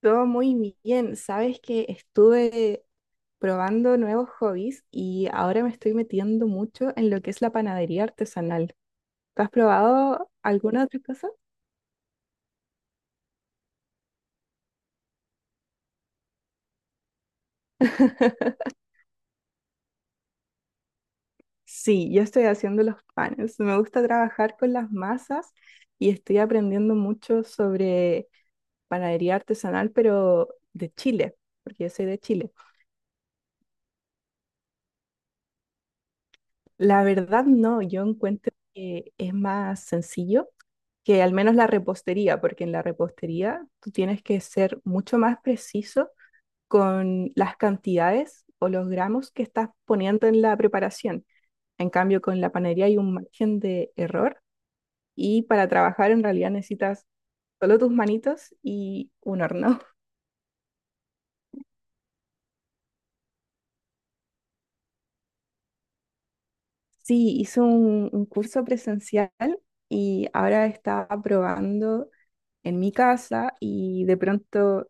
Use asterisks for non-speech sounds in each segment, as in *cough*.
Todo muy bien. Sabes que estuve probando nuevos hobbies y ahora me estoy metiendo mucho en lo que es la panadería artesanal. ¿Tú has probado alguna otra cosa? *laughs* Sí, yo estoy haciendo los panes. Me gusta trabajar con las masas y estoy aprendiendo mucho sobre panadería artesanal, pero de Chile, porque yo soy de Chile. La verdad no, yo encuentro que es más sencillo que al menos la repostería, porque en la repostería tú tienes que ser mucho más preciso con las cantidades o los gramos que estás poniendo en la preparación. En cambio, con la panería hay un margen de error y para trabajar en realidad necesitas solo tus manitos y un horno. *laughs* Sí, hice un curso presencial y ahora estaba probando en mi casa y de pronto,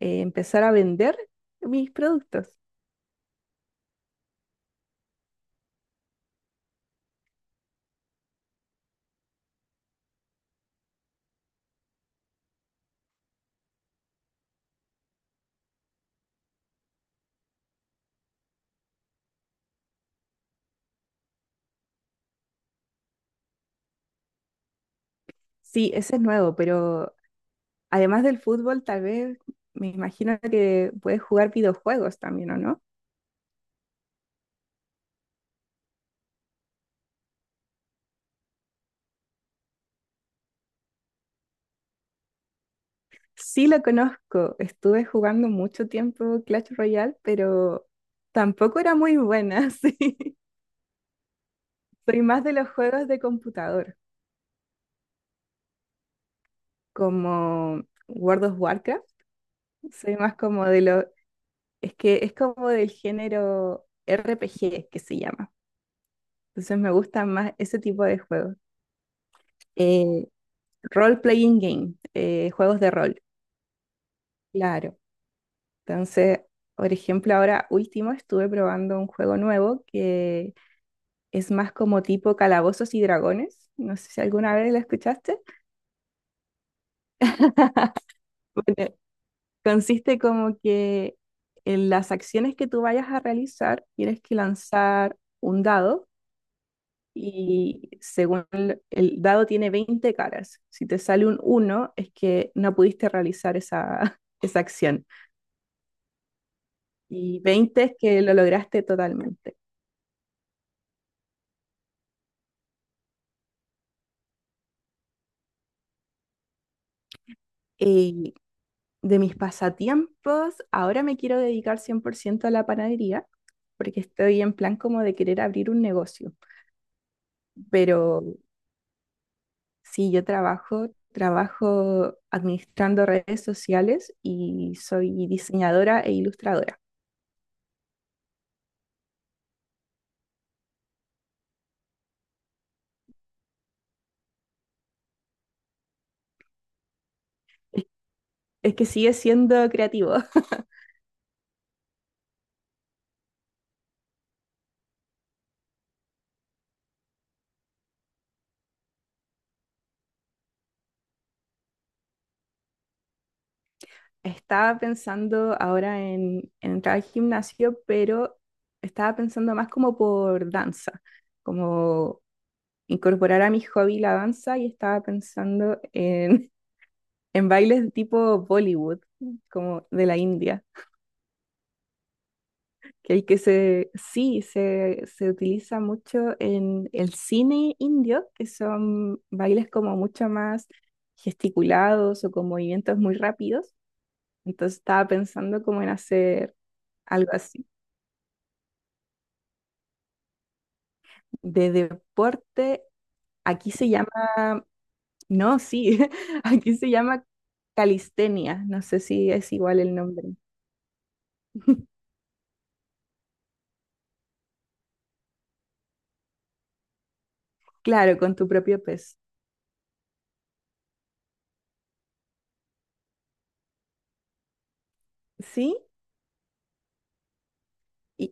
empezar a vender mis productos. Sí, ese es nuevo, pero además del fútbol, tal vez me imagino que puedes jugar videojuegos también, ¿o no? Sí, lo conozco, estuve jugando mucho tiempo Clash Royale, pero tampoco era muy buena. *laughs* Sí. Soy más de los juegos de computador, como World of Warcraft. Soy más como de lo, es que es como del género RPG, que se llama. Entonces me gustan más ese tipo de juegos. Eh, role-playing game, juegos de rol, claro. Entonces, por ejemplo, ahora último estuve probando un juego nuevo que es más como tipo Calabozos y Dragones. No sé si alguna vez lo escuchaste. *laughs* Bueno, consiste como que en las acciones que tú vayas a realizar, tienes que lanzar un dado. Y según el dado tiene 20 caras. Si te sale un uno es que no pudiste realizar esa, *laughs* esa acción. Y 20 es que lo lograste totalmente. Y de mis pasatiempos, ahora me quiero dedicar 100% a la panadería, porque estoy en plan como de querer abrir un negocio. Pero sí, yo trabajo administrando redes sociales, y soy diseñadora e ilustradora. Es que sigue siendo creativo. Estaba pensando ahora en entrar al gimnasio, pero estaba pensando más como por danza, como incorporar a mi hobby la danza, y estaba pensando *laughs* en bailes tipo Bollywood, como de la India, que hay que sí, se utiliza mucho en el cine indio, que son bailes como mucho más gesticulados o con movimientos muy rápidos. Entonces estaba pensando como en hacer algo así. De deporte, aquí se llama, no, sí, *laughs* aquí se llama calistenia, no sé si es igual el nombre. *laughs* Claro, con tu propio peso. Sí, y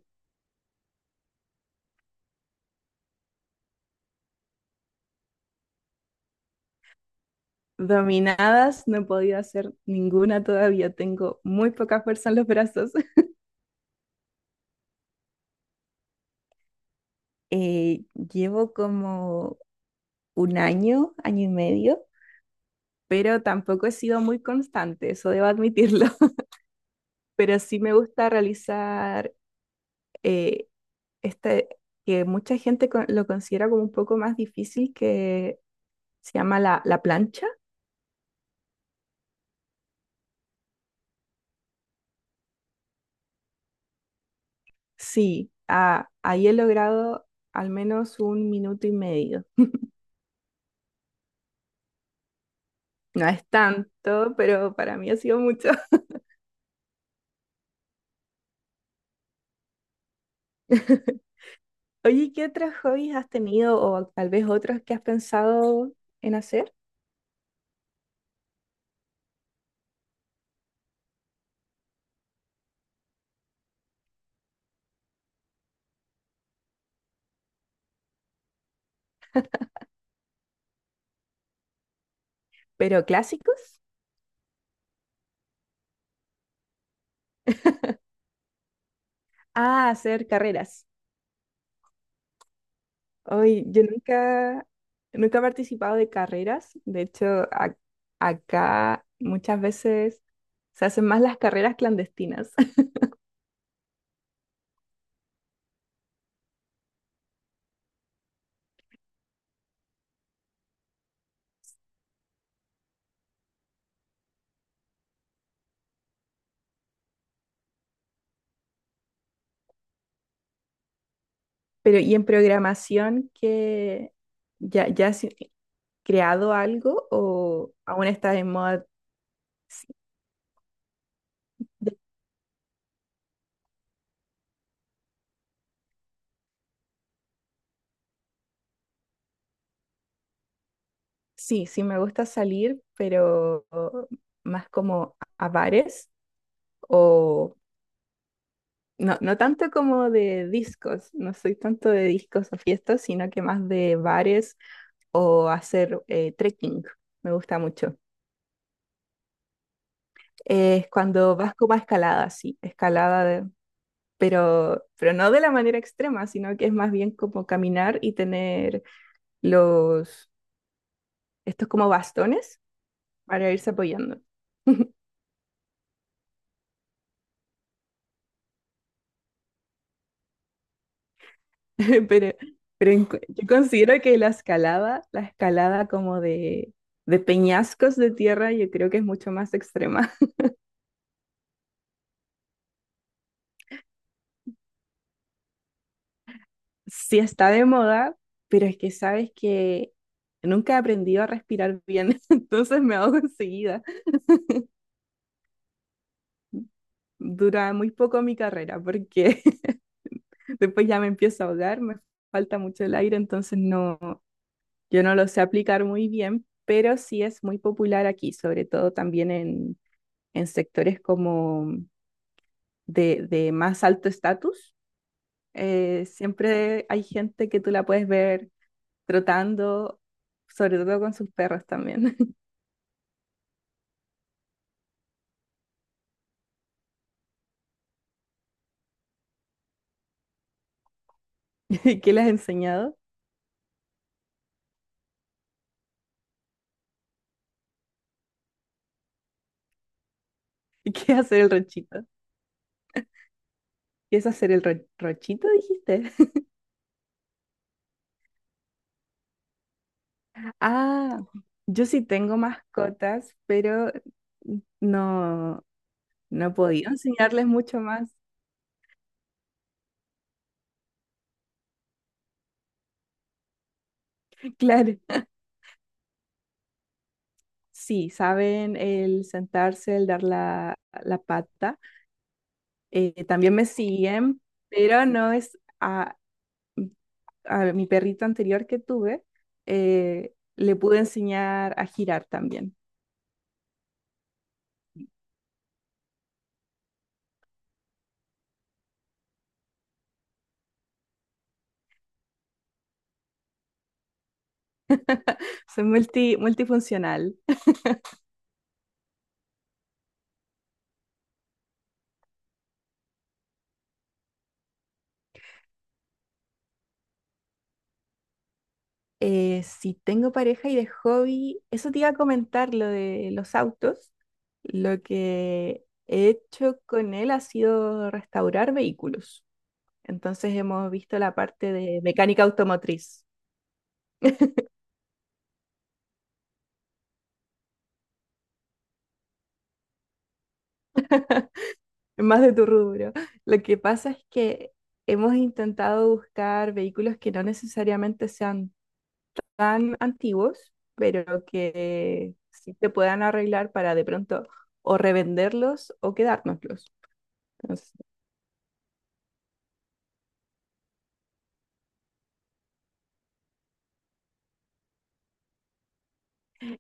dominadas no he podido hacer ninguna todavía, tengo muy poca fuerza en los brazos. *laughs* Eh, llevo como un año, año y medio, pero tampoco he sido muy constante, eso debo admitirlo. *laughs* Pero sí me gusta realizar... eh, este, que mucha gente lo considera como un poco más difícil, que se llama la plancha. Sí, ah, ahí he logrado al menos un minuto y medio. No es tanto, pero para mí ha sido mucho. *laughs* Oye, ¿y qué otros hobbies has tenido o tal vez otros que has pensado en hacer? ¿Pero clásicos? Ah, hacer carreras. Hoy yo nunca he participado de carreras, de hecho, a- acá muchas veces se hacen más las carreras clandestinas. *laughs* Pero, ¿y en programación que ya has creado algo o aún estás en moda? Sí, de- sí, sí me gusta salir, pero más como a bares, o no, no tanto como de discos, no soy tanto de discos o fiestas, sino que más de bares, o hacer trekking, me gusta mucho. Es cuando vas como a escalada, sí, escalada, pero no de la manera extrema, sino que es más bien como caminar y tener los, estos como bastones para irse apoyando. *laughs* Pero, pero yo considero que la escalada como de peñascos de tierra, yo creo que es mucho más extrema. Sí, está de moda, pero es que sabes que nunca he aprendido a respirar bien, *laughs* entonces me ahogo enseguida. Dura muy poco mi carrera, porque *laughs* después ya me empiezo a ahogar, me falta mucho el aire, entonces no, yo no lo sé aplicar muy bien, pero sí es muy popular aquí, sobre todo también en sectores como de más alto estatus. Siempre hay gente que tú la puedes ver trotando, sobre todo con sus perros también. *laughs* ¿Qué le has enseñado? *laughs* ¿Qué es hacer el ranchito? ¿Qué es hacer el ranchito, dijiste? *laughs* Ah, yo sí tengo mascotas, pero no, no he podido enseñarles mucho más. *laughs* Claro, sí, saben el sentarse, el dar la pata. También me siguen, pero no es a mi perrito anterior que tuve, le pude enseñar a girar también. Soy multifuncional. Si tengo pareja, y de hobby, eso te iba a comentar, lo de los autos. Lo que he hecho con él ha sido restaurar vehículos. Entonces hemos visto la parte de mecánica automotriz, más de tu rubro. Lo que pasa es que hemos intentado buscar vehículos que no necesariamente sean tan antiguos, pero que sí te puedan arreglar para de pronto o revenderlos o quedárnoslos.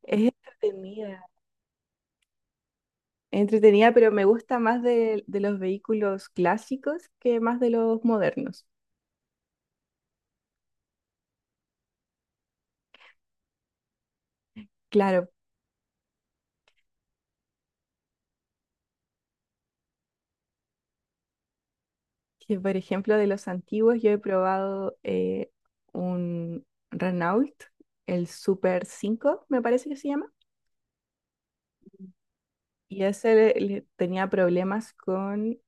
Es entretenida, es entretenida, pero me gusta más de los vehículos clásicos que más de los modernos. Claro, que por ejemplo de los antiguos yo he probado un Renault, el Super 5, me parece que se llama, y ese le tenía problemas con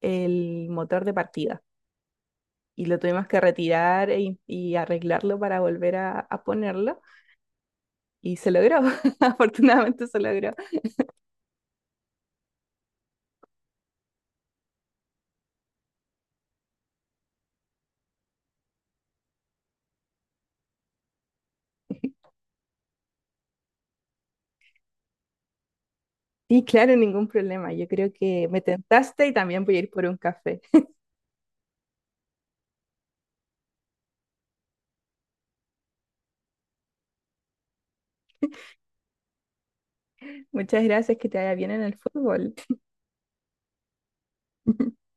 el motor de partida. Y lo tuvimos que retirar y arreglarlo para volver a ponerlo. Y se logró, *laughs* afortunadamente se logró. Sí, claro, ningún problema. Yo creo que me tentaste y también voy a ir por un café. Muchas gracias, que te vaya bien en el fútbol. *laughs*